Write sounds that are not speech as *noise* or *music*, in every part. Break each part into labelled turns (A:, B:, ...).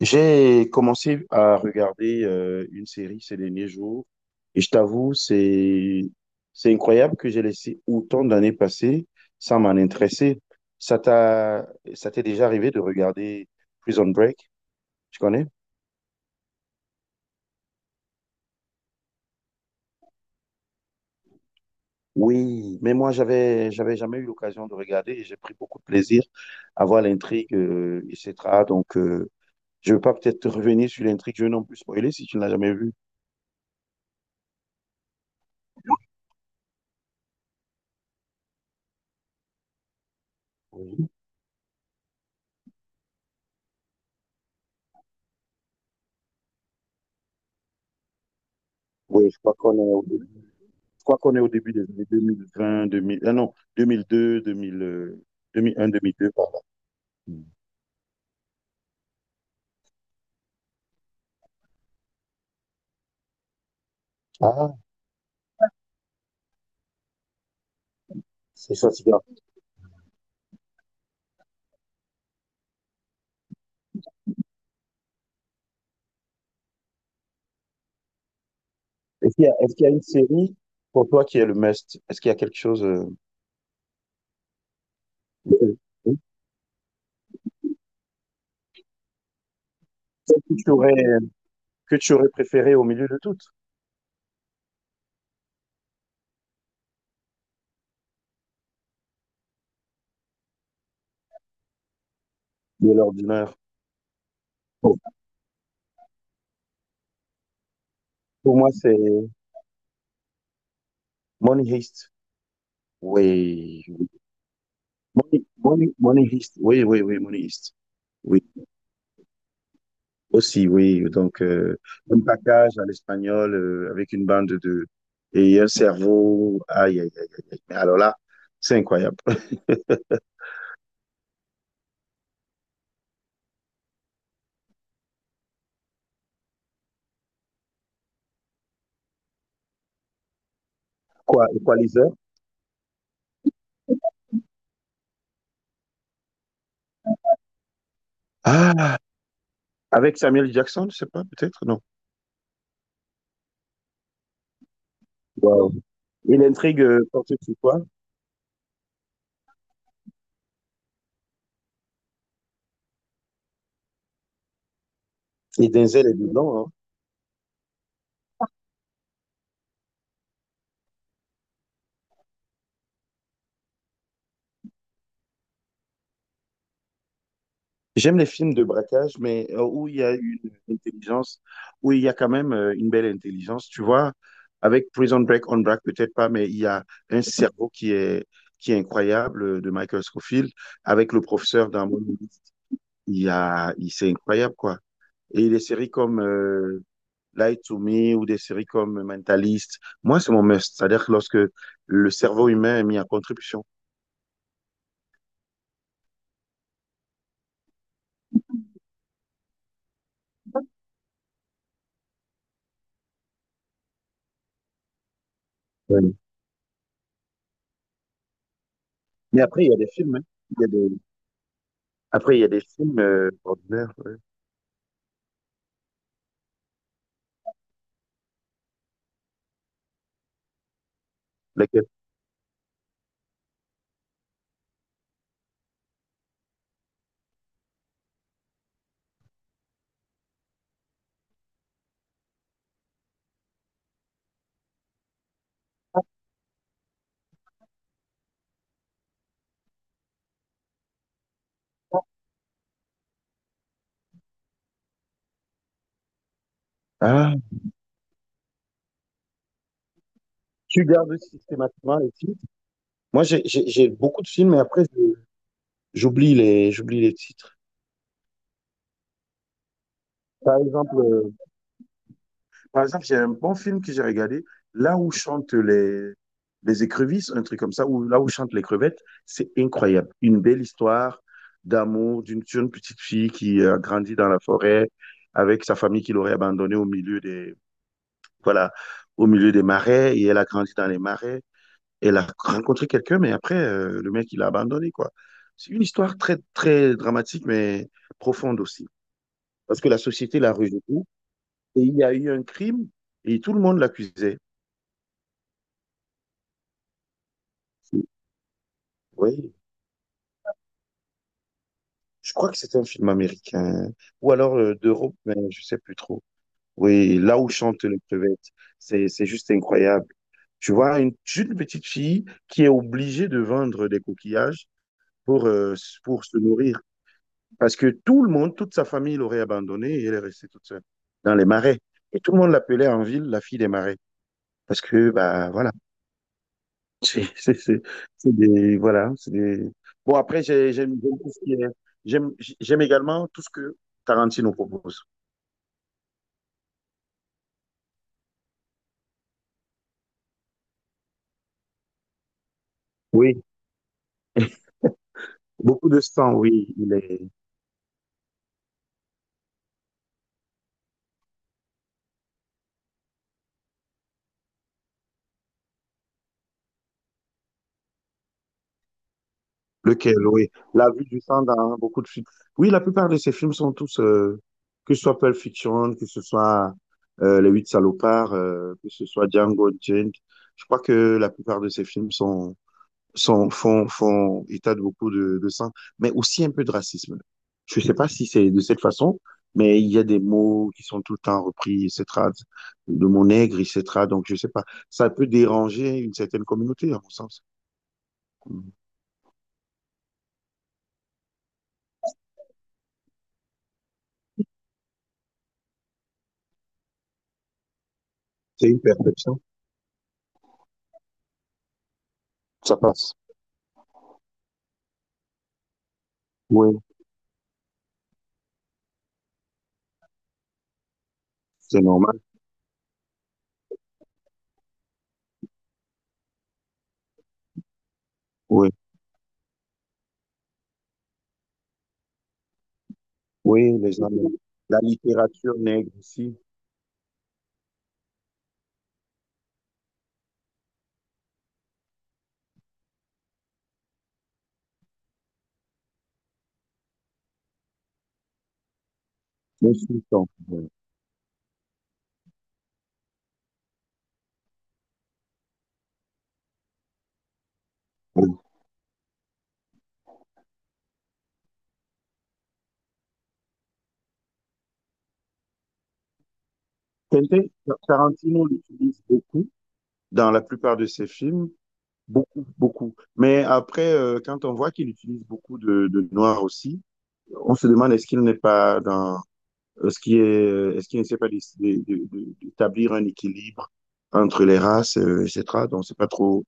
A: J'ai commencé à regarder une série ces derniers jours et je t'avoue, c'est incroyable que j'ai laissé autant d'années passer sans m'en intéresser. Ça t'a Ça t'est déjà arrivé de regarder Prison Break, tu connais? Oui, mais moi j'avais jamais eu l'occasion de regarder et j'ai pris beaucoup de plaisir à voir l'intrigue, etc. Donc, je veux pas peut-être te revenir sur l'intrigue, je vais non plus spoiler si tu ne l'as jamais vu. Oui, oui, Je crois qu'on est au début des années 2020, 2000, ah non, 2002, 2000, 2001, 2002, par là. Ah, c'est ça, c'est bien. Est-ce qu'il y a une série pour toi qui est le must? Est-ce qu'il y a quelque chose que tu aurais, que tu aurais préféré au milieu de toutes, de l'ordinaire? Bon, pour moi, c'est Money Heist. Oui. Money Heist. Oui, oui, oui, Money Heist. Oui. Aussi, oui. Donc, un package à l'espagnol avec une bande de, et un cerveau. Aïe, aïe, aïe, aïe, aïe. Mais alors là, c'est incroyable. Quoi, Equalizer? Ah, avec Samuel Jackson, je sais pas, peut-être, non. Wow. Et l'intrigue porte sur quoi? Et Denzel est dedans, hein. J'aime les films de braquage, mais où il y a une intelligence, où il y a quand même une belle intelligence. Tu vois, avec Prison Break, On Break, peut-être pas, mais il y a un cerveau qui est incroyable de Michael Scofield. Avec le professeur dans Mon Livre, il y a, il, c'est incroyable, quoi. Et des séries comme Lie to Me ou des séries comme Mentalist, moi, c'est mon must. C'est-à-dire que lorsque le cerveau humain est mis en contribution. Ouais. Mais après, il y a des films, hein. Il y a des. Après, il y a des films ordinaires. Ouais. Lesquels? Ah, tu gardes systématiquement les titres. Moi, j'ai beaucoup de films, mais après, j'oublie les titres. Par exemple, j'ai un bon film que j'ai regardé, là où chantent les écrevisses, un truc comme ça, ou là où chantent les crevettes, c'est incroyable. Une belle histoire d'amour d'une petite fille qui a grandi dans la forêt avec sa famille qui l'aurait abandonnée voilà, au milieu des marais, et elle a grandi dans les marais. Elle a rencontré quelqu'un, mais après, le mec, il a abandonné, quoi. C'est une histoire très, très dramatique, mais profonde aussi. Parce que la société l'a rejeté et il y a eu un crime et tout le monde l'accusait. Oui, je crois que c'est un film américain ou alors d'Europe, mais je sais plus trop. Oui, là où chante les crevettes, c'est juste incroyable. Tu vois, une petite fille qui est obligée de vendre des coquillages pour, euh, pour se nourrir. Parce que tout le monde, toute sa famille l'aurait abandonnée et elle est restée toute seule dans les marais. Et tout le monde l'appelait en ville la fille des marais. Parce que, bah voilà, c'est c'est- c'est- c'est des. Voilà, c'est des. Bon, après, j'aime- j'aime également tout ce que Tarantino propose. Oui, beaucoup de sang, oui, il est. Lequel, oui. La vue du sang dans beaucoup de films. Oui, la plupart de ces films sont tous, que ce soit Pulp Fiction, que ce soit Les Huit Salopards, que ce soit Django Unchained. Je crois que la plupart de ces films font état de beaucoup de sang, mais aussi un peu de racisme. Je ne sais pas si c'est de cette façon, mais il y a des mots qui sont tout le temps repris, etc. De mon nègre, etc. Donc, je ne sais pas. Ça peut déranger une certaine communauté, à mon sens. C'est une perception. Ça passe. Oui, c'est normal. Oui, oui, les gens, la littérature nègre ici, on sous-entend. Oui. Oui. Quentin, Tarantino l'utilise beaucoup dans la plupart de ses films, beaucoup, beaucoup. Mais après, quand on voit qu'il utilise beaucoup de noir aussi, on se demande est-ce qu'il n'est pas dans, est-ce qu'il ne sait pas décider d'établir un équilibre entre les races, etc. Donc, c'est pas trop,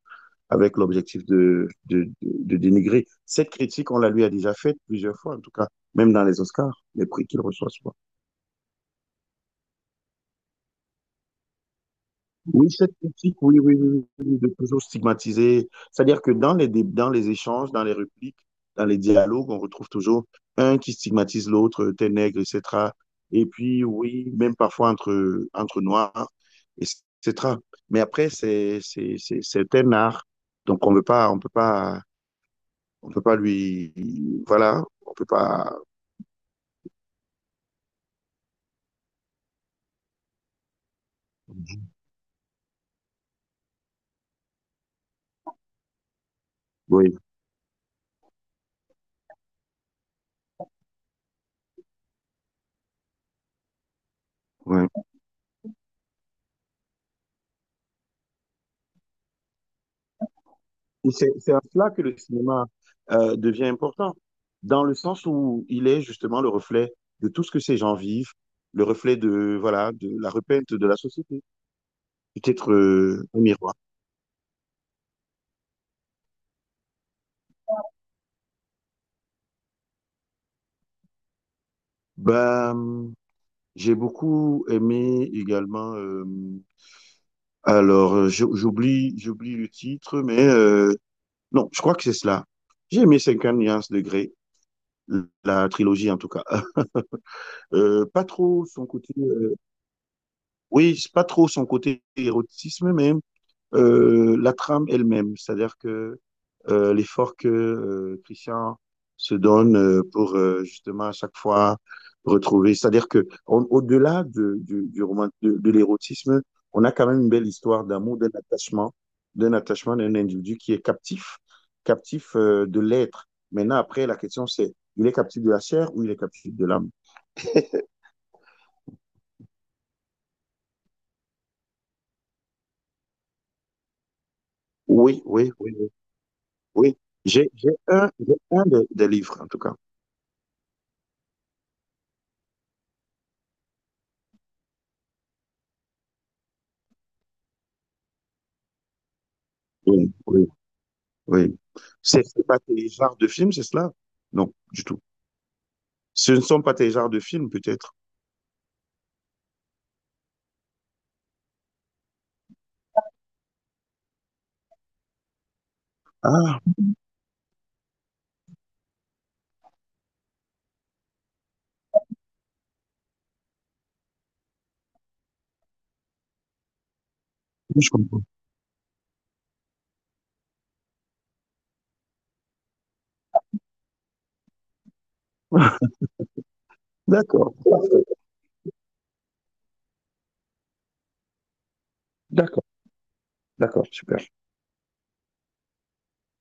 A: avec l'objectif de dénigrer. Cette critique, on la lui a déjà faite plusieurs fois, en tout cas, même dans les Oscars, les prix qu'il reçoit souvent. Oui, cette critique, oui, oui, oui, oui de toujours stigmatiser. C'est-à-dire que dans les échanges, dans les répliques, dans les dialogues, on retrouve toujours un qui stigmatise l'autre, t'es nègre, etc. Et puis, oui, même parfois entre noirs, etc. Mais après, c'est un art. Donc, on ne peut pas lui, voilà, on ne peut pas. Oui. Oui. C'est à cela que le cinéma devient important, dans le sens où il est justement le reflet de tout ce que ces gens vivent, le reflet de voilà de la repeinte de la société, peut-être un miroir. Ben, j'ai beaucoup aimé également, alors, j'oublie le titre, mais non, je crois que c'est cela. J'ai aimé Cinquante nuances de Grey, la trilogie en tout cas. Pas trop son côté, oui, c'est pas trop son côté érotisme, mais la trame elle-même, c'est-à-dire que l'effort que Christian se donne pour justement à chaque fois retrouver, c'est-à-dire que au-delà du roman, de l'érotisme, on a quand même une belle histoire d'amour, d'un attachement d'un individu qui est captif, captif de l'être. Maintenant, après, la question c'est, il est captif de la chair ou il est captif de l'âme? Oui, oui, oui, oui. Oui, j'ai un des livres, en tout cas. Oui, oui, oui. C'est pas tes genres de films, c'est cela? Non, du tout. Ce ne sont pas tes genres de films, peut-être. Ah, oui, je comprends. *laughs* D'accord, parfait. D'accord, d'accord, super.